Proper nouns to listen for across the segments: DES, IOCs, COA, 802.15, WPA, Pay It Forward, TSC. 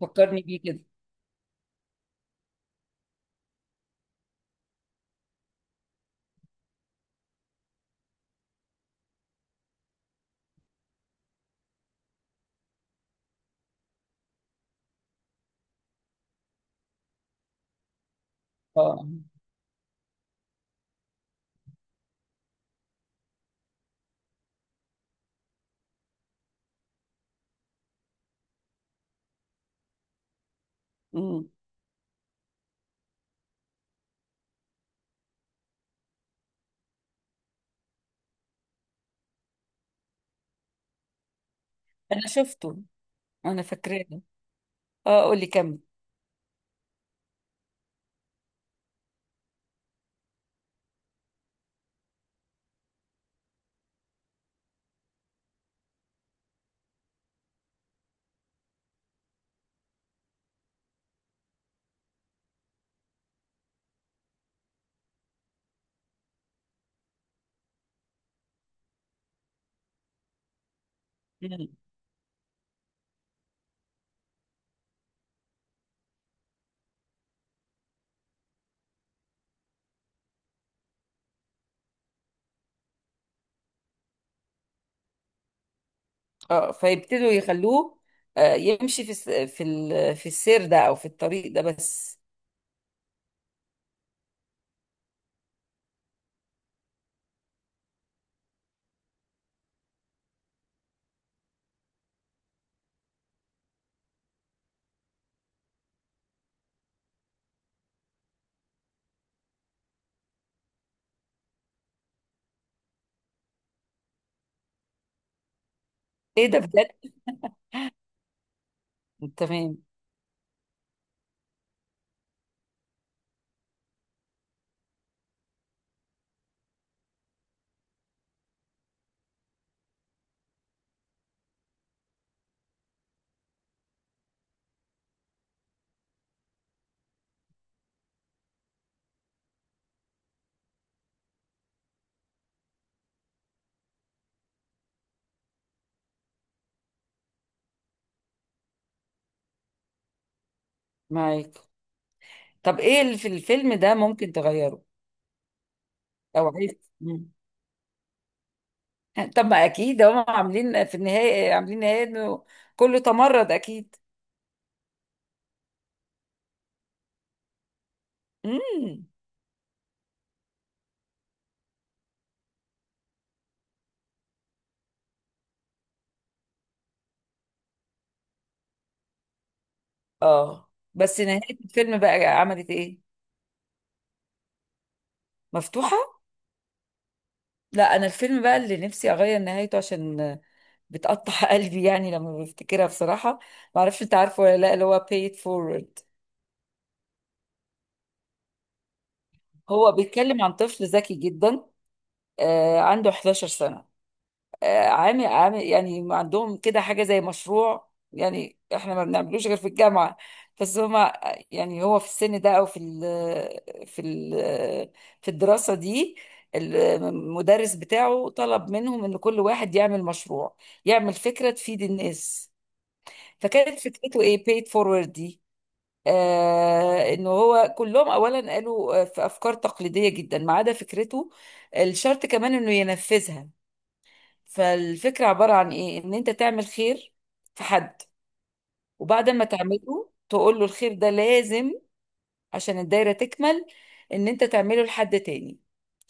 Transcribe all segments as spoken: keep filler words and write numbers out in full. فكرني بيه كده. اه. امم انا شفته. انا فاكراه. اه، قولي كمل. مم. اه، فيبتدوا يخلوه، آه، يمشي في الس- في ال- في السير ده او في الطريق ده بس. ايه ده بجد؟ تمام، معاك. طب ايه اللي في الفيلم ده ممكن تغيره او عايز؟ مم. طب ما اكيد هم عاملين في النهايه، عاملين نهايه انه كله تمرد اكيد. امم. اه، بس نهايه الفيلم بقى عملت ايه؟ مفتوحه. لا، انا الفيلم بقى اللي نفسي اغير نهايته عشان بتقطع قلبي يعني لما بفتكرها بصراحة. ما اعرفش انت عارفه ولا لا، اللي هو Pay It Forward. هو بيتكلم عن طفل ذكي جدا، آه عنده إحدى عشرة سنة، آه، عامل عامل يعني عندهم كده حاجة زي مشروع، يعني احنا ما بنعملوش غير في الجامعة. بس هما يعني هو في السن ده، او في ال في ال في الدراسة دي، المدرس بتاعه طلب منهم ان كل واحد يعمل مشروع، يعمل فكرة تفيد الناس. فكانت فكرته ايه paid forward دي، آه، انه هو كلهم اولا قالوا، آه، في افكار تقليدية جدا ما عدا فكرته. الشرط كمان انه ينفذها. فالفكرة عبارة عن ايه؟ ان انت تعمل خير في حد، وبعد ما تعمله تقول له الخير ده لازم عشان الدايرة تكمل، ان انت تعمله لحد تاني،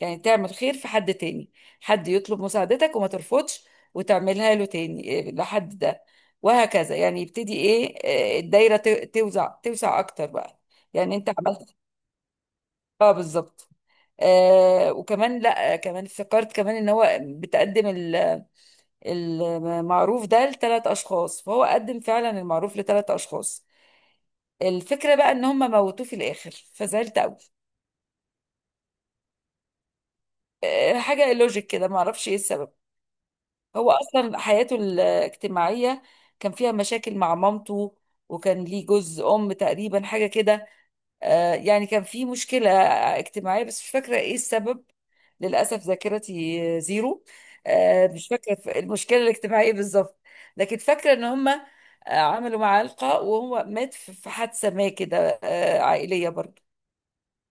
يعني تعمل خير في حد تاني، حد يطلب مساعدتك وما ترفضش، وتعملها له تاني إيه، لحد ده، وهكذا يعني يبتدي ايه، آه، الدايرة ت- توزع توسع اكتر بقى. يعني انت عملت، اه بالظبط. آه وكمان لا، آه، كمان افتكرت كمان ان هو بتقدم المعروف ده لثلاث اشخاص، فهو قدم فعلا المعروف لثلاث اشخاص. الفكره بقى ان هم موتوه في الاخر فزعلت قوي. آه، حاجه لوجيك كده، ما اعرفش ايه السبب. هو اصلا حياته الاجتماعيه كان فيها مشاكل مع مامته، وكان ليه جوز ام تقريبا حاجه كده. آه، يعني كان في مشكلة اجتماعية بس مش فاكرة ايه السبب، للأسف ذاكرتي زيرو. آه، مش فاكرة ف- المشكلة الاجتماعية بالظبط، لكن فاكرة ان هم آه، عملوا معاه لقاء وهو مات في في حادثة ما كده، آه، عائلية برضه.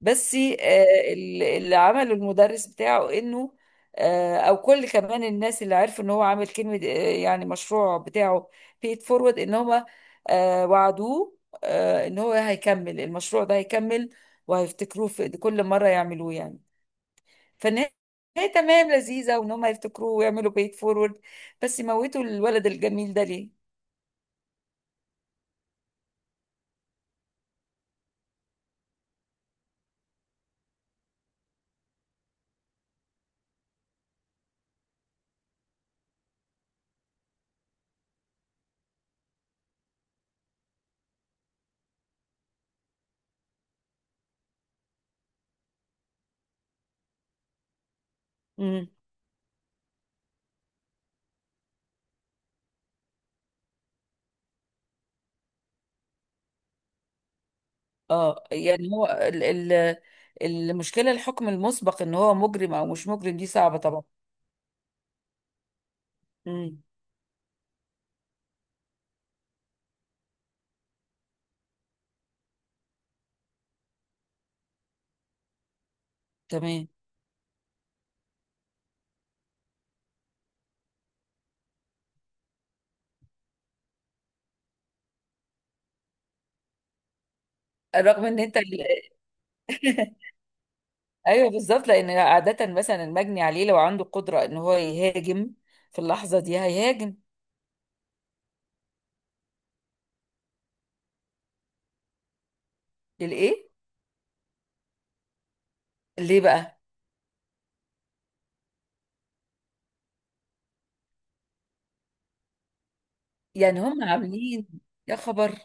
بس آه، ال- اللي عمله المدرس بتاعه انه، آه، او كل كمان الناس اللي عرفوا ان هو عامل كلمه، آه، يعني مشروع بتاعه بيت فورورد، ان هما آه، وعدوه آه، ان هو هيكمل المشروع ده، هيكمل وهيفتكروه في كل مره يعملوه يعني. فالنهايه تمام لذيذه، وان هم يفتكروه ويعملوا بيت فورورد. بس موتوا الولد الجميل ده ليه؟ مم. اه، يعني هو ال- ال- المشكله، الحكم المسبق ان هو مجرم او مش مجرم دي صعبه طبعا. امم. تمام. رغم ان انت ال- ايوه بالظبط، لان عاده مثلا المجني عليه لو عنده قدره ان هو يهاجم في اللحظه دي هيهاجم. للايه؟ ليه بقى؟ يعني هم عاملين، يا خبر.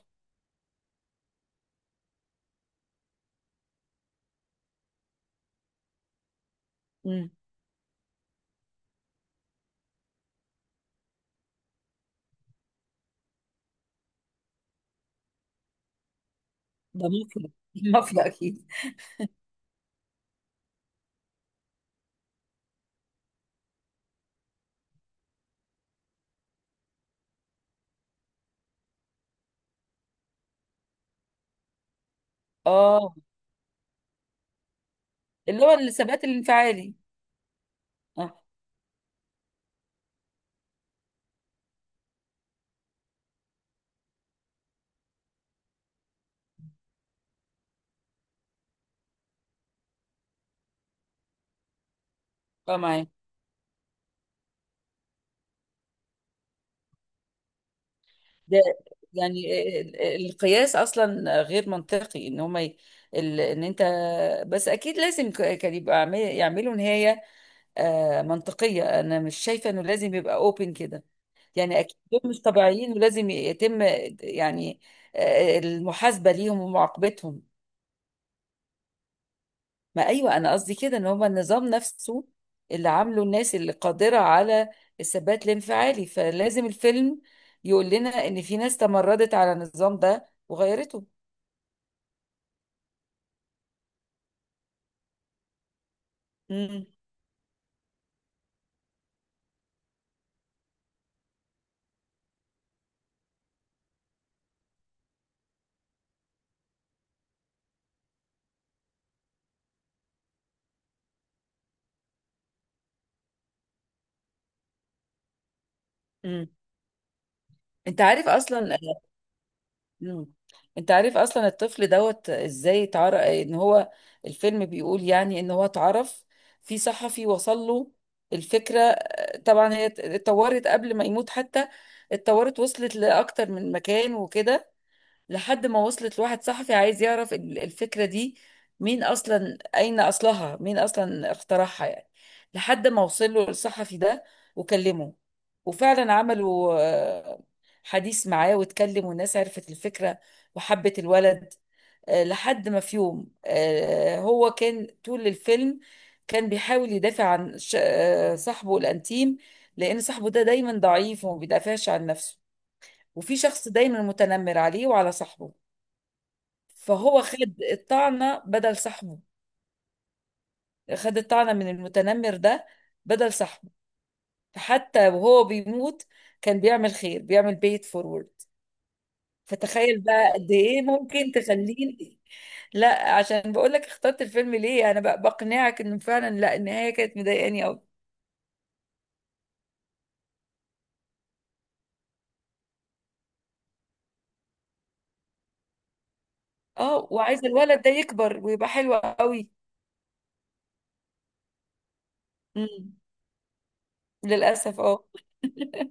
امم. ده مفيد مافيا اكيد. اه، اللي هو الثبات الانفعالي. اه. اه معايا. ده يعني ال- ال- القياس اصلا غير منطقي ان هم ي... ال... ان انت، بس اكيد لازم ك- كان يبقى عامل- يعملوا نهايه آه، منطقية. أنا مش شايفة إنه لازم يبقى أوبن كده. يعني أكيد دول مش طبيعيين ولازم يتم، يعني آه، المحاسبة ليهم ومعاقبتهم. ما أيوة، أنا قصدي كده إن هما النظام نفسه اللي عامله الناس اللي قادرة على الثبات الانفعالي، فلازم الفيلم يقول لنا إن في ناس تمردت على النظام ده وغيرته. امم. امم. أنت عارف أصلا. مم. انت عارف اصلا الطفل دوت ازاي اتعرف ان هو، الفيلم بيقول يعني ان هو اتعرف، في صحفي وصل له الفكرة. آه، طبعا هي ات- اتطورت قبل ما يموت حتى، اتطورت وصلت لأكتر من مكان وكده، لحد ما وصلت لواحد صحفي عايز يعرف ال- الفكرة دي مين أصلا، أين أصلها، مين أصلا اخترعها يعني، لحد ما وصل له الصحفي ده وكلمه، وفعلا عملوا آه، حديث معاه واتكلم، والناس عرفت الفكرة وحبت الولد. آه، لحد ما في يوم، آه، هو كان طول الفيلم كان بيحاول يدافع عن ش- آه، صاحبه الأنتيم لأن صاحبه ده دايما ضعيف وما بيدافعش عن نفسه، وفي شخص دايما متنمر عليه وعلى صاحبه، فهو خد الطعنة بدل صاحبه. خد الطعنة من المتنمر ده بدل صاحبه. فحتى وهو بيموت كان بيعمل خير، بيعمل بيت فورورد. فتخيل بقى قد ايه ممكن تخليني. لا، عشان بقول لك اخترت الفيلم ليه، انا بقى بقنعك انه فعلا، لا، النهاية كانت مضايقاني قوي. اه، وعايزة الولد ده يكبر ويبقى حلو قوي. امم. للأسف اه.